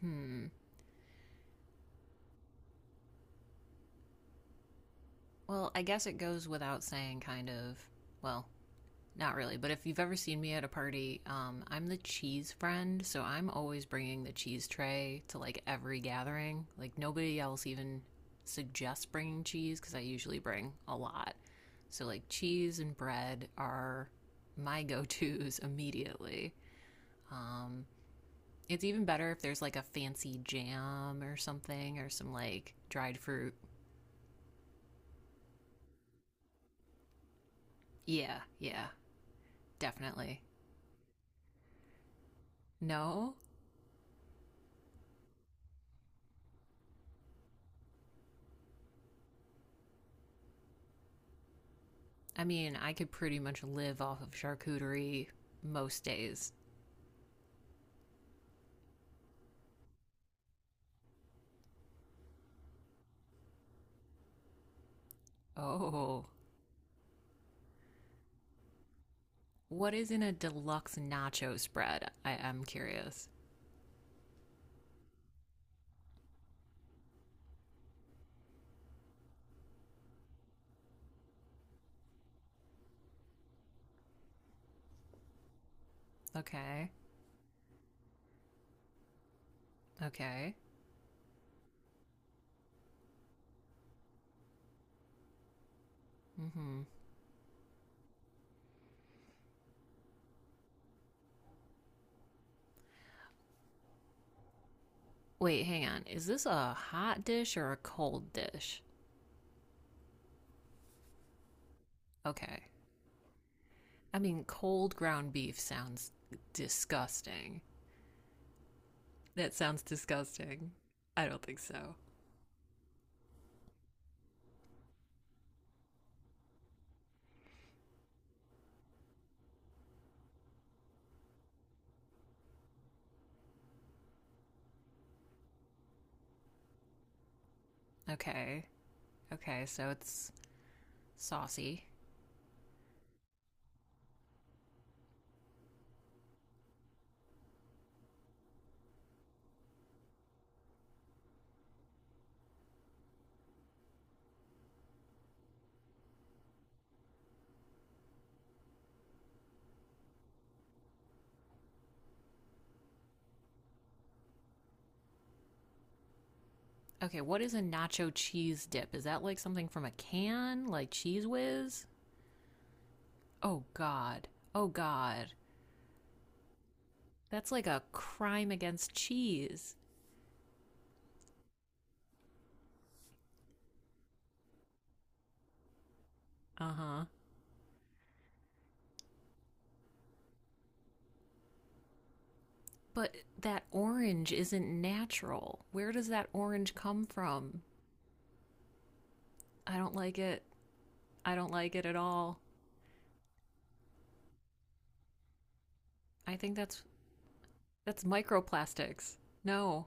Hmm. Well, I guess it goes without saying, kind of. Well, not really, but if you've ever seen me at a party, I'm the cheese friend, so I'm always bringing the cheese tray to like every gathering. Like nobody else even suggests bringing cheese because I usually bring a lot. So like cheese and bread are my go-tos immediately. Um, it's even better if there's like a fancy jam or something or some like dried fruit. Yeah, yeah, definitely. No? I mean, I could pretty much live off of charcuterie most days. Oh. What is in a deluxe nacho spread? I am curious. Okay. Okay. Mm hmm. Wait, hang on. Is this a hot dish or a cold dish? Okay. I mean, cold ground beef sounds disgusting. That sounds disgusting. I don't think so. Okay. Okay, so it's saucy. Okay, what is a nacho cheese dip? Is that like something from a can, like Cheese Whiz? Oh God. Oh God. That's like a crime against cheese. Uh huh. But that orange isn't natural. Where does that orange come from? I don't like it. I don't like it at all. I think that's microplastics. No.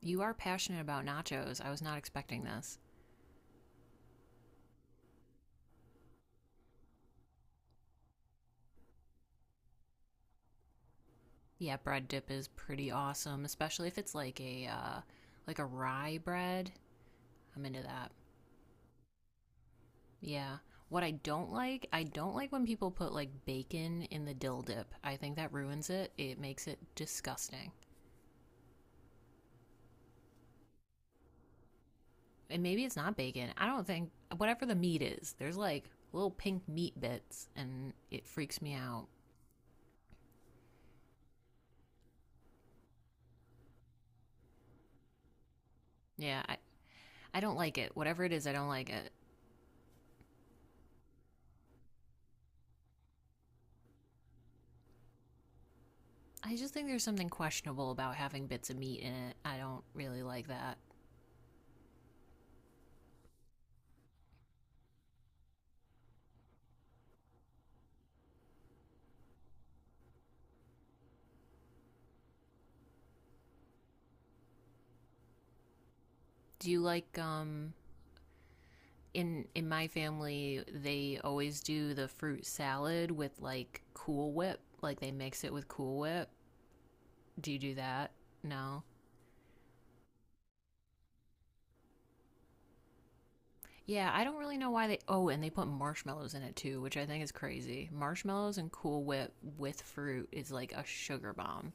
You are passionate about nachos. I was not expecting this. Yeah, bread dip is pretty awesome, especially if it's like a rye bread. I'm into that. Yeah. What I don't like when people put like bacon in the dill dip. I think that ruins it. It makes it disgusting. And maybe it's not bacon. I don't think whatever the meat is, there's like little pink meat bits and it freaks me out. Yeah, I don't like it. Whatever it is, I don't like it. I just think there's something questionable about having bits of meat in it. I don't really like that. Do you like in my family they always do the fruit salad with like cool whip, like they mix it with cool whip. Do you do that? No. Yeah, I don't really know why they, oh, and they put marshmallows in it too, which I think is crazy. Marshmallows and cool whip with fruit is like a sugar bomb.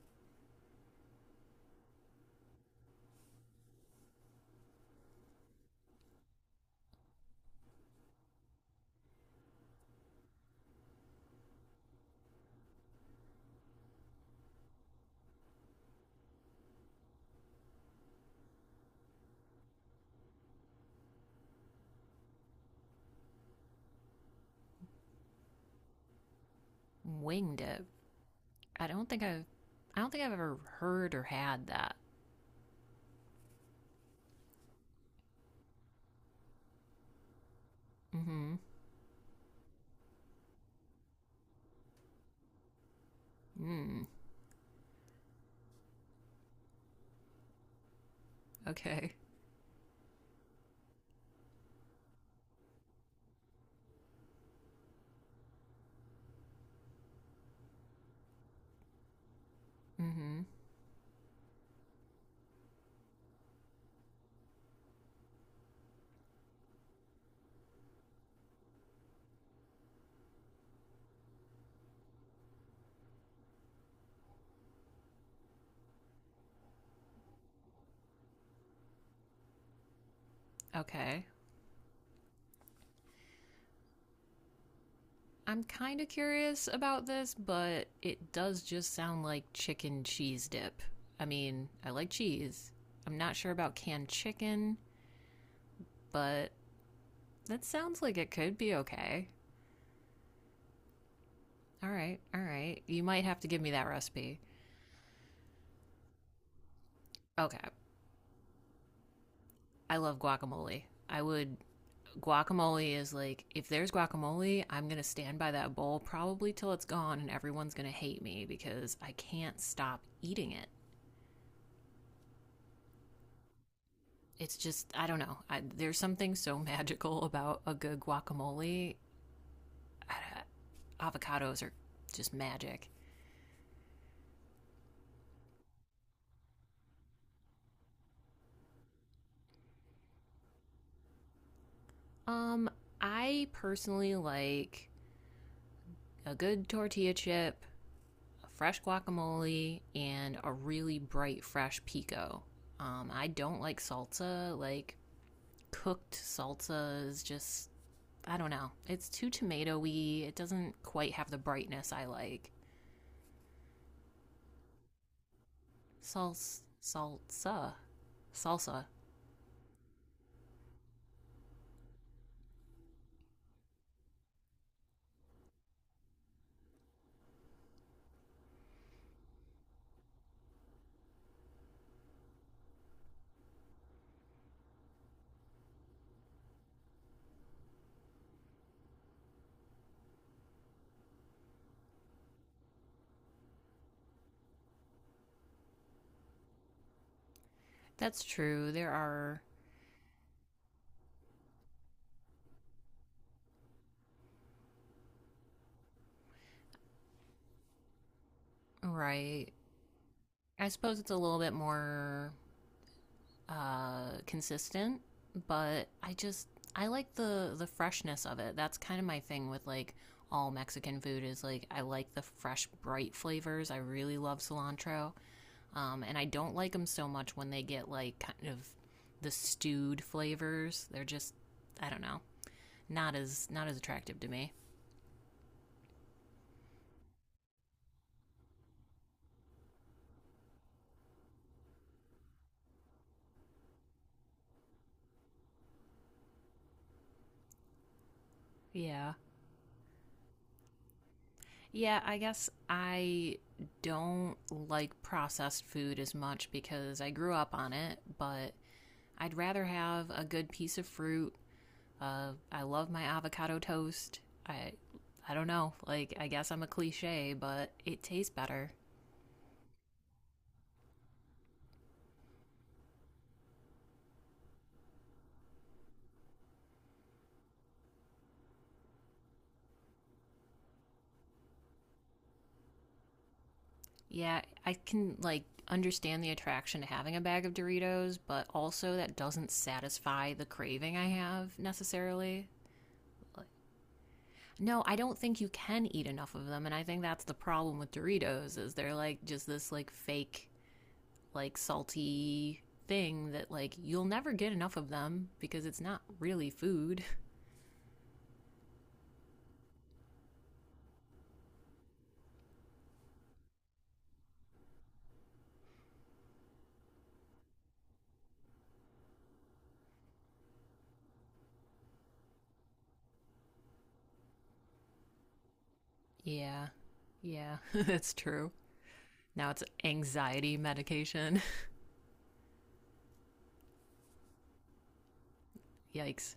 Winged it? I don't think I've I don't think I've ever heard or had that. Mm-hmm. mm, okay. Mm-hmm. Okay, I'm kind of curious about this, but it does just sound like chicken cheese dip. I mean, I like cheese. I'm not sure about canned chicken, but that sounds like it could be okay. All right, all right. You might have to give me that recipe. Okay. I love guacamole. I would Guacamole is like if there's guacamole, I'm going to stand by that bowl probably till it's gone and everyone's going to hate me because I can't stop eating it. It's just I don't know. There's something so magical about a good guacamole. Uh, Avocados are just magic. Um, I personally like a good tortilla chip, a fresh guacamole, and a really bright fresh pico. I don't like salsa. Like cooked salsa is just I don't know. It's too tomatoey. It doesn't quite have the brightness I like. Salsa, salsa, salsa. That's true. There are right. I suppose it's a little bit more consistent, but I just I like the freshness of it. That's kind of my thing with like all Mexican food is like I like the fresh, bright flavors. I really love cilantro, and I don't like them so much when they get like kind of the stewed flavors. They're just I don't know, not as attractive to me. Yeah. Yeah, I guess I don't like processed food as much because I grew up on it, but I'd rather have a good piece of fruit. I love my avocado toast. I I don't know, like I guess I'm a cliche, but it tastes better. Yeah, I can like understand the attraction to having a bag of Doritos, but also that doesn't satisfy the craving I have necessarily. Like, no, I don't think you can eat enough of them, and I think that's the problem with Doritos is they're like just this like fake like salty thing that like you'll never get enough of them because it's not really food. Yeah. Yeah, that's true. Now it's anxiety medication. Yikes.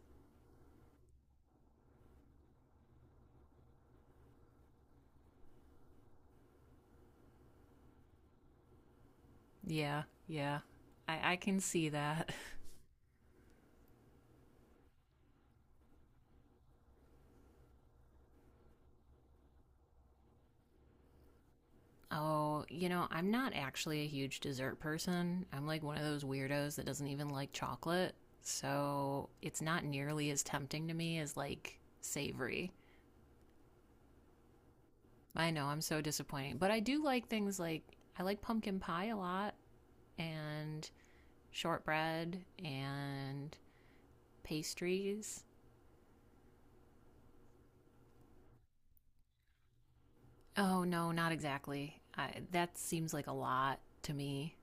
Yeah. Yeah. I can see that. Oh, you know, I'm not actually a huge dessert person. I'm like one of those weirdos that doesn't even like chocolate. So it's not nearly as tempting to me as like savory. I know, I'm so disappointing. But I do like things like I like pumpkin pie a lot and shortbread and pastries. Oh, no, not exactly. That seems like a lot to me.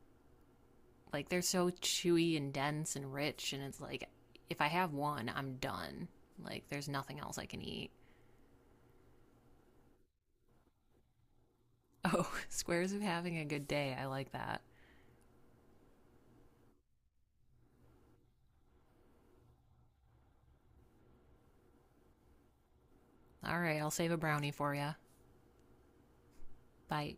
Like they're so chewy and dense and rich, and it's like if I have one, I'm done. Like there's nothing else I can eat. Oh, squares of having a good day. I like that. All right, I'll save a brownie for you. Bye.